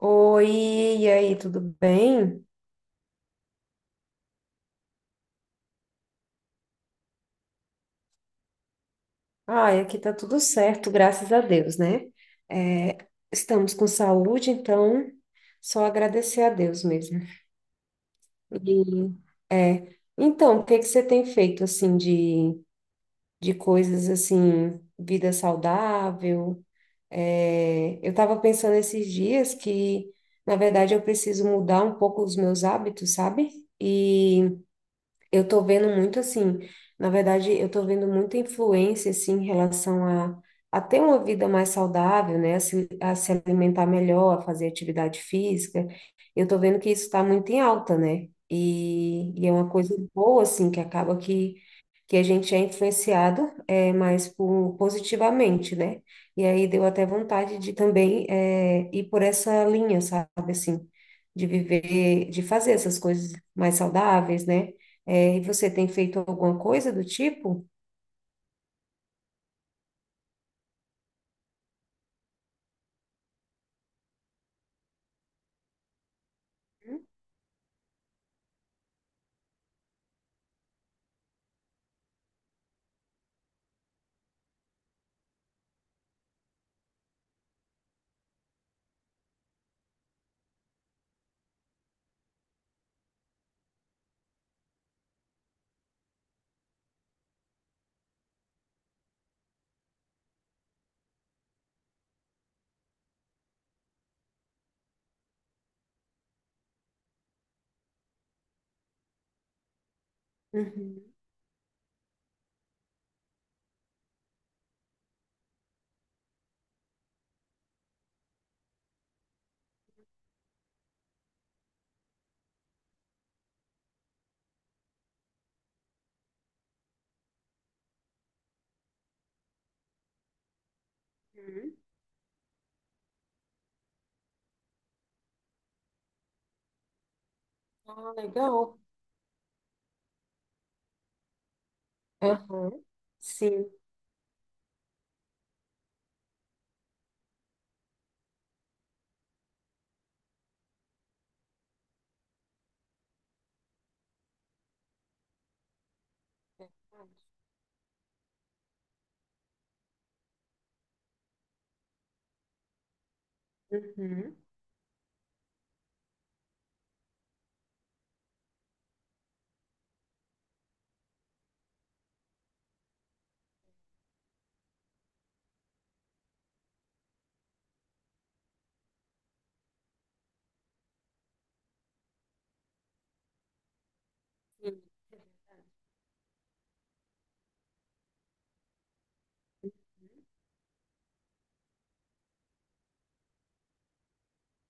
Oi, e aí, tudo bem? Ai, aqui tá tudo certo, graças a Deus, né? É, estamos com saúde, então só agradecer a Deus mesmo. E, é, então, o que que você tem feito, assim, de coisas, assim, vida saudável? É, eu estava pensando esses dias que, na verdade, eu preciso mudar um pouco os meus hábitos, sabe? E eu tô vendo muito assim, na verdade, eu tô vendo muita influência assim em relação a ter uma vida mais saudável, né? A se alimentar melhor, a fazer atividade física. Eu tô vendo que isso está muito em alta, né? E é uma coisa boa, assim, que acaba que a gente é influenciado mais por, positivamente, né? E aí deu até vontade de também ir por essa linha, sabe, assim, de viver, de fazer essas coisas mais saudáveis, né? É, e você tem feito alguma coisa do tipo? Uhum, uhum. Ah, legal. Aham. Sim. É verdade. Uhum. Sim.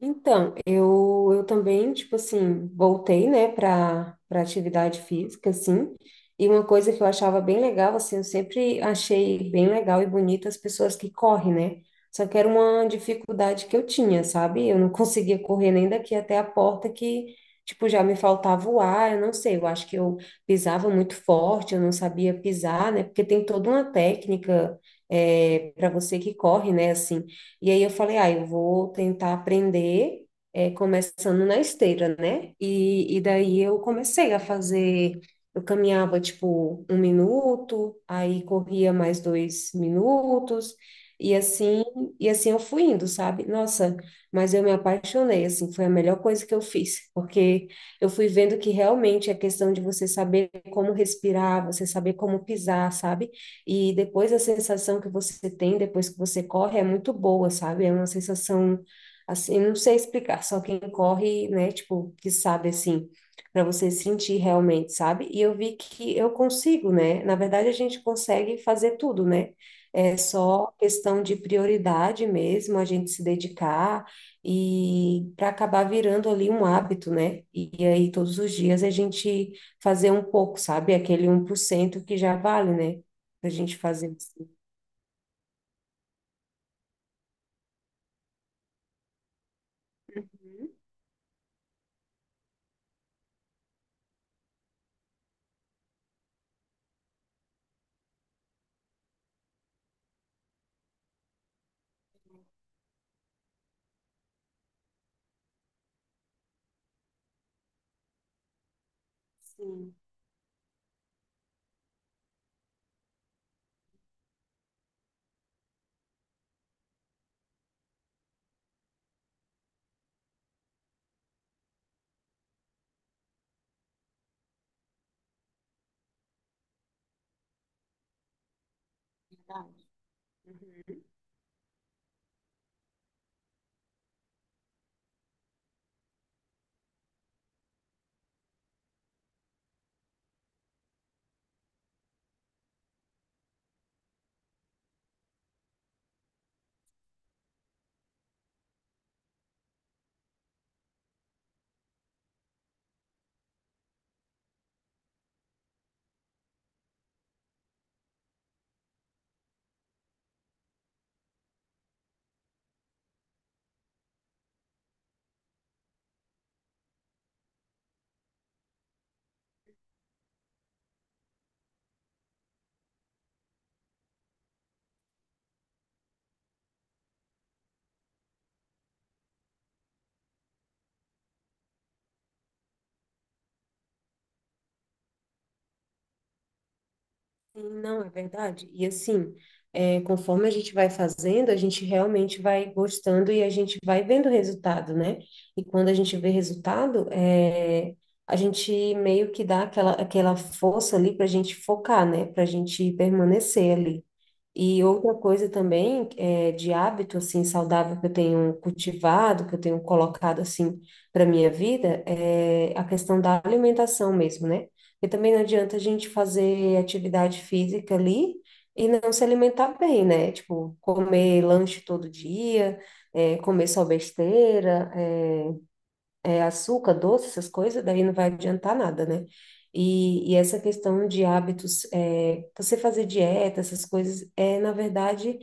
Então, eu também, tipo assim, voltei, né, para atividade física, assim, e uma coisa que eu achava bem legal, assim, eu sempre achei bem legal e bonito as pessoas que correm, né? Só que era uma dificuldade que eu tinha, sabe? Eu não conseguia correr nem daqui até a porta que, tipo, já me faltava o ar, eu não sei, eu acho que eu pisava muito forte, eu não sabia pisar, né? Porque tem toda uma técnica, é, para você que corre, né, assim. E aí eu falei, ah, eu vou tentar aprender, é, começando na esteira, né? E daí eu comecei a fazer, eu caminhava tipo 1 minuto, aí corria mais 2 minutos, e assim, e assim eu fui indo, sabe? Nossa, mas eu me apaixonei, assim, foi a melhor coisa que eu fiz, porque eu fui vendo que realmente é questão de você saber como respirar, você saber como pisar, sabe? E depois a sensação que você tem depois que você corre é muito boa, sabe? É uma sensação assim, não sei explicar, só quem corre, né, tipo, que sabe assim, para você sentir realmente, sabe? E eu vi que eu consigo, né? Na verdade, a gente consegue fazer tudo, né? É só questão de prioridade mesmo, a gente se dedicar e para acabar virando ali um hábito, né? E aí todos os dias a gente fazer um pouco, sabe? Aquele 1% que já vale, né? Da gente fazer assim. Uhum, sim. Uhum. Sim, não, é verdade. E assim, é, conforme a gente vai fazendo, a gente realmente vai gostando e a gente vai vendo resultado, né? E quando a gente vê resultado, é, a gente meio que dá aquela, aquela força ali para a gente focar, né? Para a gente permanecer ali. E outra coisa também é, de hábito assim saudável que eu tenho cultivado, que eu tenho colocado assim para minha vida é a questão da alimentação mesmo, né? Porque também não adianta a gente fazer atividade física ali e não se alimentar bem, né? Tipo, comer lanche todo dia, é, comer só besteira, é, é, açúcar, doce, essas coisas, daí não vai adiantar nada, né? E essa questão de hábitos, é, você fazer dieta, essas coisas, é, na verdade,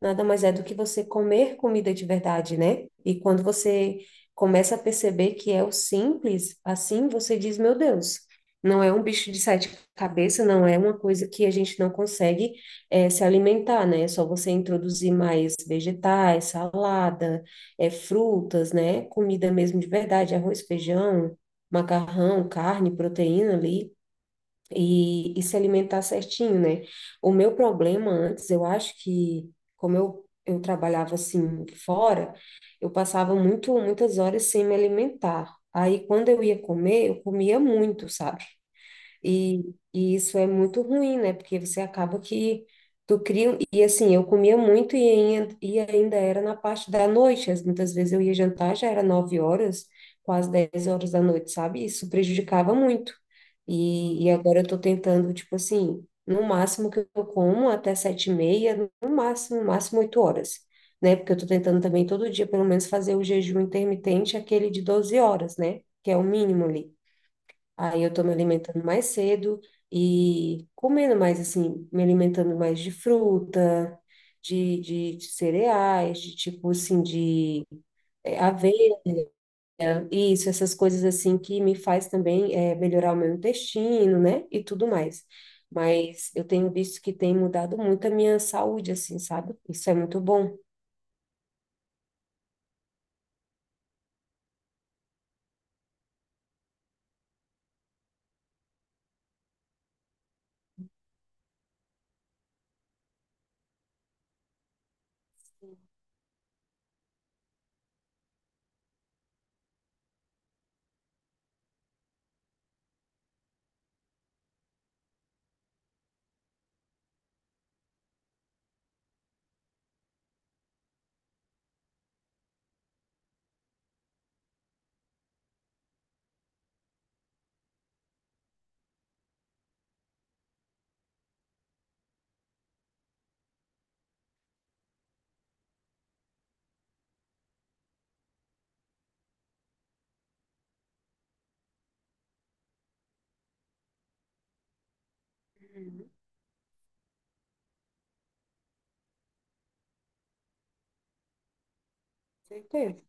nada mais é do que você comer comida de verdade, né? E quando você começa a perceber que é o simples, assim você diz, meu Deus, não é um bicho de sete cabeças, não é uma coisa que a gente não consegue se alimentar, né? É só você introduzir mais vegetais, salada, é, frutas, né? Comida mesmo de verdade, arroz, feijão, macarrão, carne, proteína ali, e se alimentar certinho, né? O meu problema antes, eu acho que, como eu trabalhava assim fora, eu passava muito, muitas horas sem me alimentar. Aí, quando eu ia comer, eu comia muito, sabe? E isso é muito ruim, né? Porque você acaba que tu cria. E assim, eu comia muito e ainda era na parte da noite. Muitas vezes eu ia jantar, já era 9 horas, quase 10 horas da noite, sabe? Isso prejudicava muito. E agora eu tô tentando, tipo assim, no máximo que eu como até 7h30, no máximo 8 horas. Né? Porque eu tô tentando também todo dia, pelo menos, fazer o jejum intermitente, aquele de 12 horas, né? Que é o mínimo ali. Aí eu estou me alimentando mais cedo e comendo mais, assim, me alimentando mais de fruta, de cereais, de tipo assim, de aveia, isso, essas coisas assim que me faz também é, melhorar o meu intestino, né? E tudo mais. Mas eu tenho visto que tem mudado muito a minha saúde, assim, sabe? Isso é muito bom. Uhum, certeza.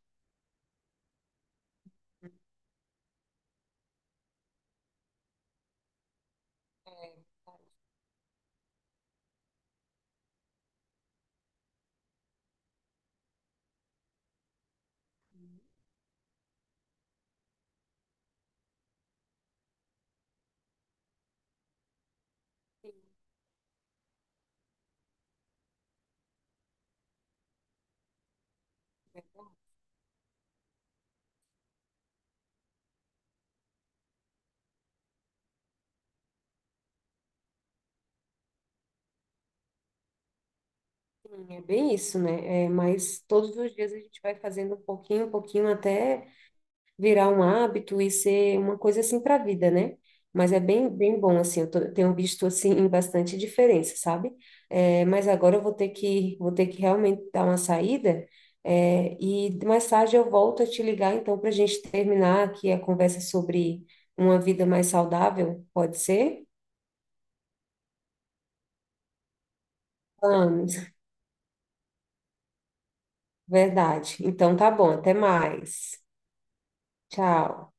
É, sim, verdade. É bem isso, né? É, mas todos os dias a gente vai fazendo um pouquinho até virar um hábito e ser uma coisa assim para a vida, né? Mas é bem, bem bom, assim, eu tenho visto, assim, bastante diferença, sabe? É, mas agora eu vou ter que realmente dar uma saída, é, e mais tarde eu volto a te ligar, então, para a gente terminar aqui a conversa sobre uma vida mais saudável, pode ser? Vamos, verdade. Então tá bom, até mais. Tchau.